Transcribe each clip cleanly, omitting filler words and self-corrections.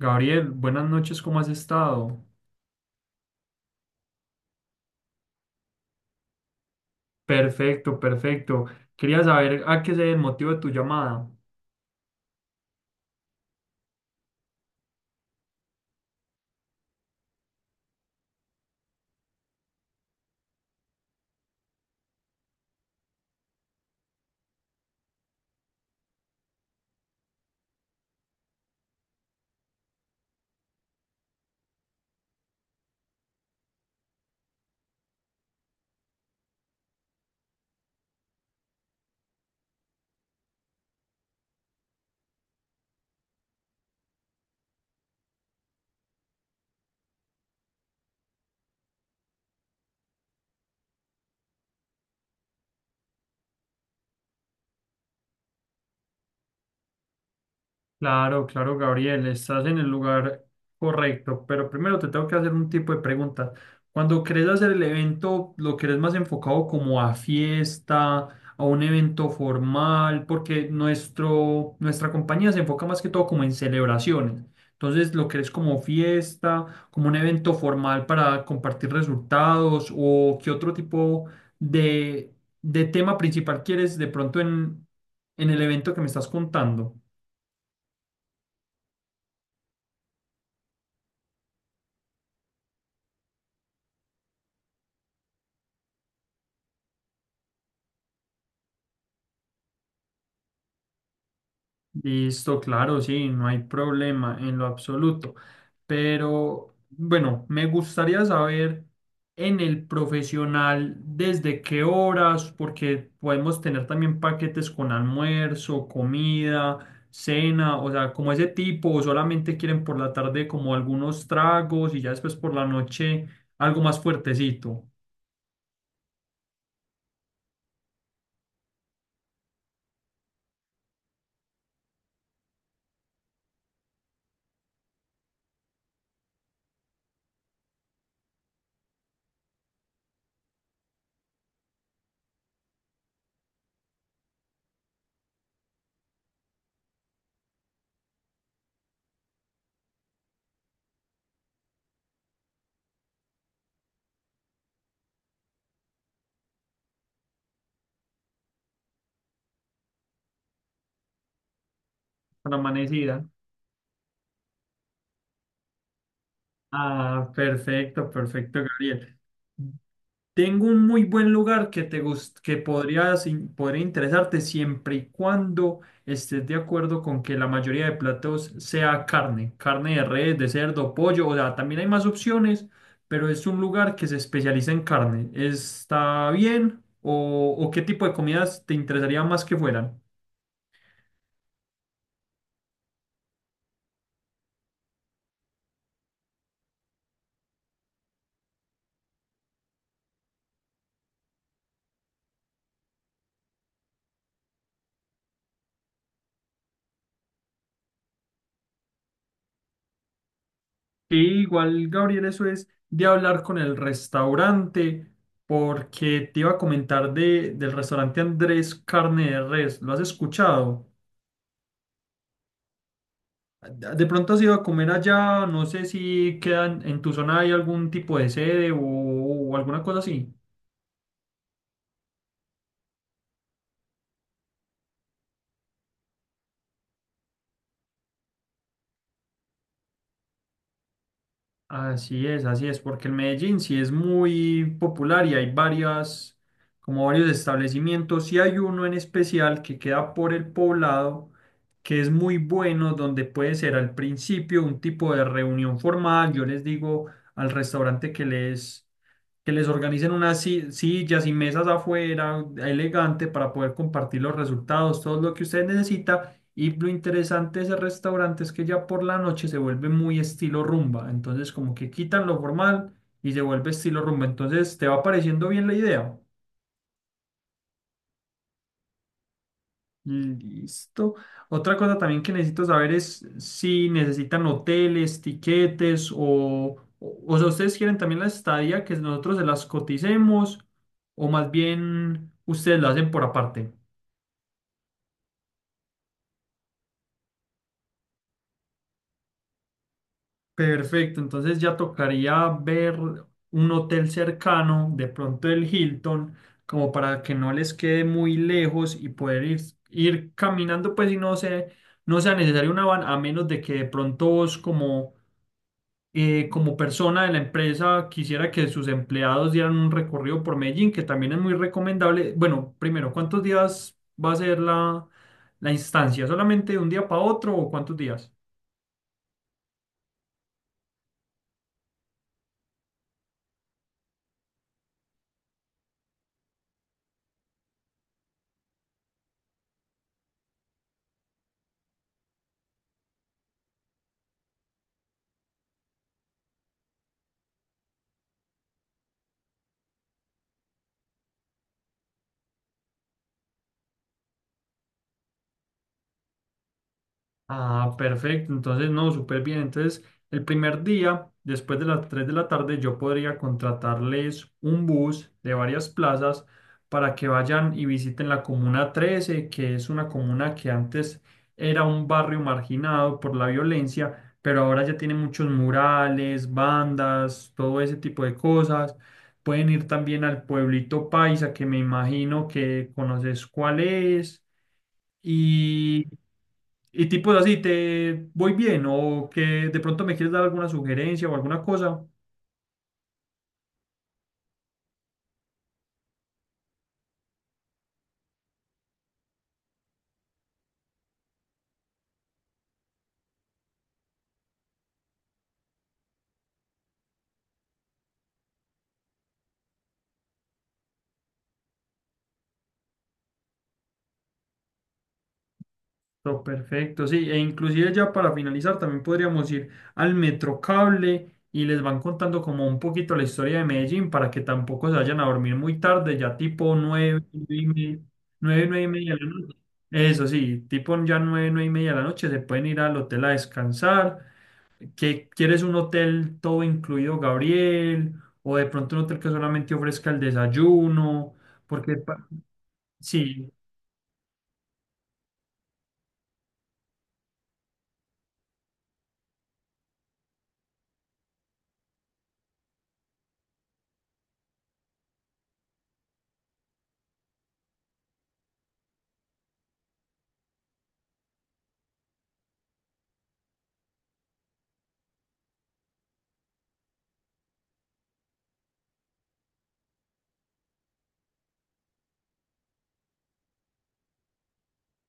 Gabriel, buenas noches, ¿cómo has estado? Perfecto, perfecto. Quería saber a qué se debe el motivo de tu llamada. Claro, claro, Gabriel, estás en el lugar correcto, pero primero te tengo que hacer un tipo de preguntas. Cuando querés hacer el evento, ¿lo querés más enfocado como a fiesta, a un evento formal? Porque nuestra compañía se enfoca más que todo como en celebraciones. Entonces, ¿lo querés como fiesta, como un evento formal para compartir resultados o qué otro tipo de, de tema principal quieres de pronto en el evento que me estás contando? Listo, claro, sí, no hay problema en lo absoluto. Pero bueno, me gustaría saber en el profesional desde qué horas, porque podemos tener también paquetes con almuerzo, comida, cena, o sea, como ese tipo, o solamente quieren por la tarde como algunos tragos y ya después por la noche algo más fuertecito, para la amanecida. Ah, perfecto, perfecto, Gabriel. Tengo un muy buen lugar que te gust- que podrías in- podría interesarte siempre y cuando estés de acuerdo con que la mayoría de platos sea carne, carne de res, de cerdo, pollo, o sea, también hay más opciones, pero es un lugar que se especializa en carne. ¿Está bien? O qué tipo de comidas te interesaría más que fueran? Sí, igual, Gabriel, eso es de hablar con el restaurante, porque te iba a comentar de, del restaurante Andrés Carne de Res. ¿Lo has escuchado? De pronto has ido a comer allá, no sé si quedan en tu zona hay algún tipo de sede o alguna cosa así. Así es, porque el Medellín sí es muy popular y hay varias, como varios establecimientos, y hay uno en especial que queda por el poblado, que es muy bueno, donde puede ser al principio un tipo de reunión formal. Yo les digo al restaurante que les organicen unas si- sillas y mesas afuera, elegante, para poder compartir los resultados, todo lo que ustedes necesitan y lo interesante de ese restaurante es que ya por la noche se vuelve muy estilo rumba. Entonces, como que quitan lo formal y se vuelve estilo rumba. Entonces, ¿te va pareciendo bien la idea? Listo. Otra cosa también que necesito saber es si necesitan hoteles, tiquetes o sea, ustedes quieren también la estadía que nosotros se las coticemos o más bien ustedes la hacen por aparte. Perfecto, entonces ya tocaría ver un hotel cercano, de pronto el Hilton, como para que no les quede muy lejos y poder ir, ir caminando, pues y no se- no sea necesario una van, a menos de que de pronto vos como, como persona de la empresa quisiera que sus empleados dieran un recorrido por Medellín, que también es muy recomendable. Bueno, primero, ¿cuántos días va a ser la, la instancia? ¿Solamente de un día para otro o cuántos días? Ah, perfecto. Entonces, no, súper bien. Entonces, el primer día, después de las 3 de la tarde, yo podría contratarles un bus de varias plazas para que vayan y visiten la Comuna Trece, que es una comuna que antes era un barrio marginado por la violencia, pero ahora ya tiene muchos murales, bandas, todo ese tipo de cosas. Pueden ir también al pueblito Paisa, que me imagino que conoces cuál es. Y y tipo así, ¿te voy bien? ¿O que de pronto me quieres dar alguna sugerencia o alguna cosa? Pero perfecto, sí. E inclusive ya para finalizar también podríamos ir al Metrocable y les van contando como un poquito la historia de Medellín para que tampoco se vayan a dormir muy tarde, ya tipo nueve, nueve y media, nueve, nueve y media de la noche. Eso sí, tipo ya nueve, nueve y media de la noche se pueden ir al hotel a descansar. ¿Qué- quieres un hotel todo incluido, Gabriel? O de pronto un hotel que solamente ofrezca el desayuno, porque pa- sí,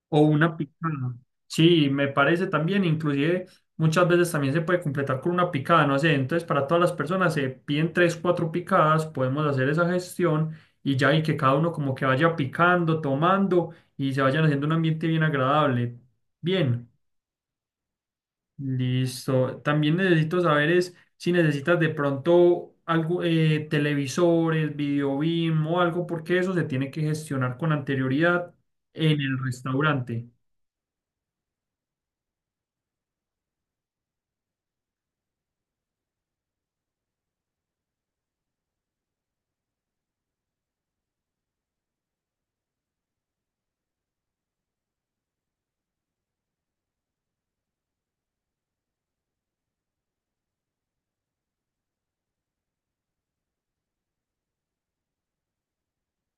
o una picada. Sí, me parece también, inclusive muchas veces también se puede completar con una picada, no sé, entonces para todas las personas se piden tres, cuatro picadas, podemos hacer esa gestión y ya y que cada uno como que vaya picando, tomando y se vayan haciendo un ambiente bien agradable. Bien. Listo. También necesito saber es si necesitas de pronto algo, televisores, video BIM o algo, porque eso se tiene que gestionar con anterioridad en el restaurante.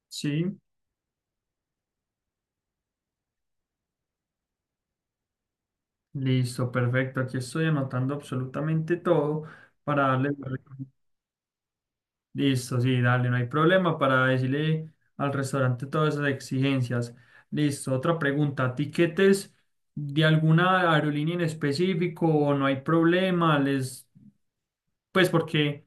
Sí, listo, perfecto. Aquí estoy anotando absolutamente todo para darle. Listo, sí, dale, no hay problema para decirle al restaurante todas esas exigencias. Listo, otra pregunta. ¿Tiquetes de alguna aerolínea en específico o no hay problema? Les pues porque,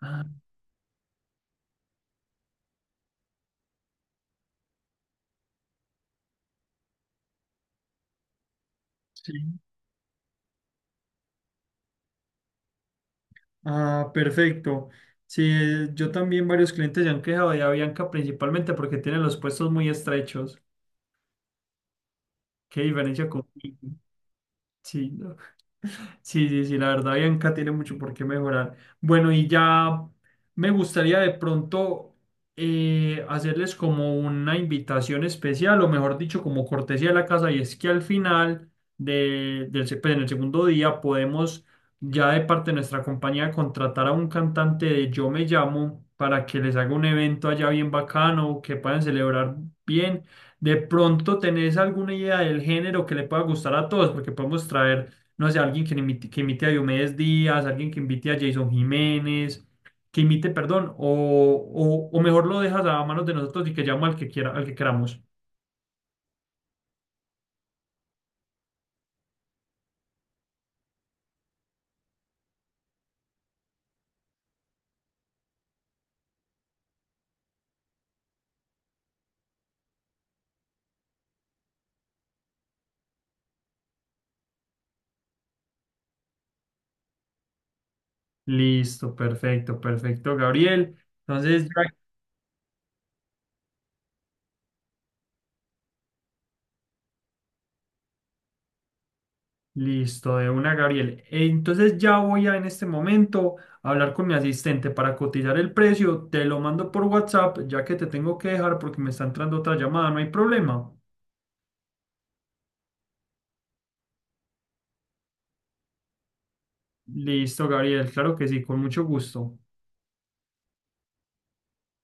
ah, sí. Ah, perfecto. Sí, yo también varios clientes se han quejado de Avianca principalmente porque tienen los puestos muy estrechos. Qué diferencia conmigo. Sí, no. Sí, sí, sí, la verdad, Bianca tiene mucho por qué mejorar. Bueno, y ya me gustaría de pronto hacerles como una invitación especial, o mejor dicho, como cortesía de la casa, y es que al final de, del, se- pues, en el segundo día podemos ya de parte de nuestra compañía contratar a un cantante de Yo Me Llamo para que les haga un evento allá bien bacano, que puedan celebrar bien de pronto tenés alguna idea del género que le pueda gustar a todos, porque podemos traer, no sé, alguien que imite a Diomedes Díaz, alguien que invite a Jason Jiménez, que imite, perdón, o mejor lo dejas a manos de nosotros y que llamo al que quiera, al que queramos. Listo, perfecto, perfecto, Gabriel. Entonces, ya- listo, de una, Gabriel. Entonces ya voy a en este momento a hablar con mi asistente para cotizar el precio. Te lo mando por WhatsApp, ya que te tengo que dejar porque me está entrando otra llamada, no hay problema. Listo, Gabriel, claro que sí, con mucho gusto.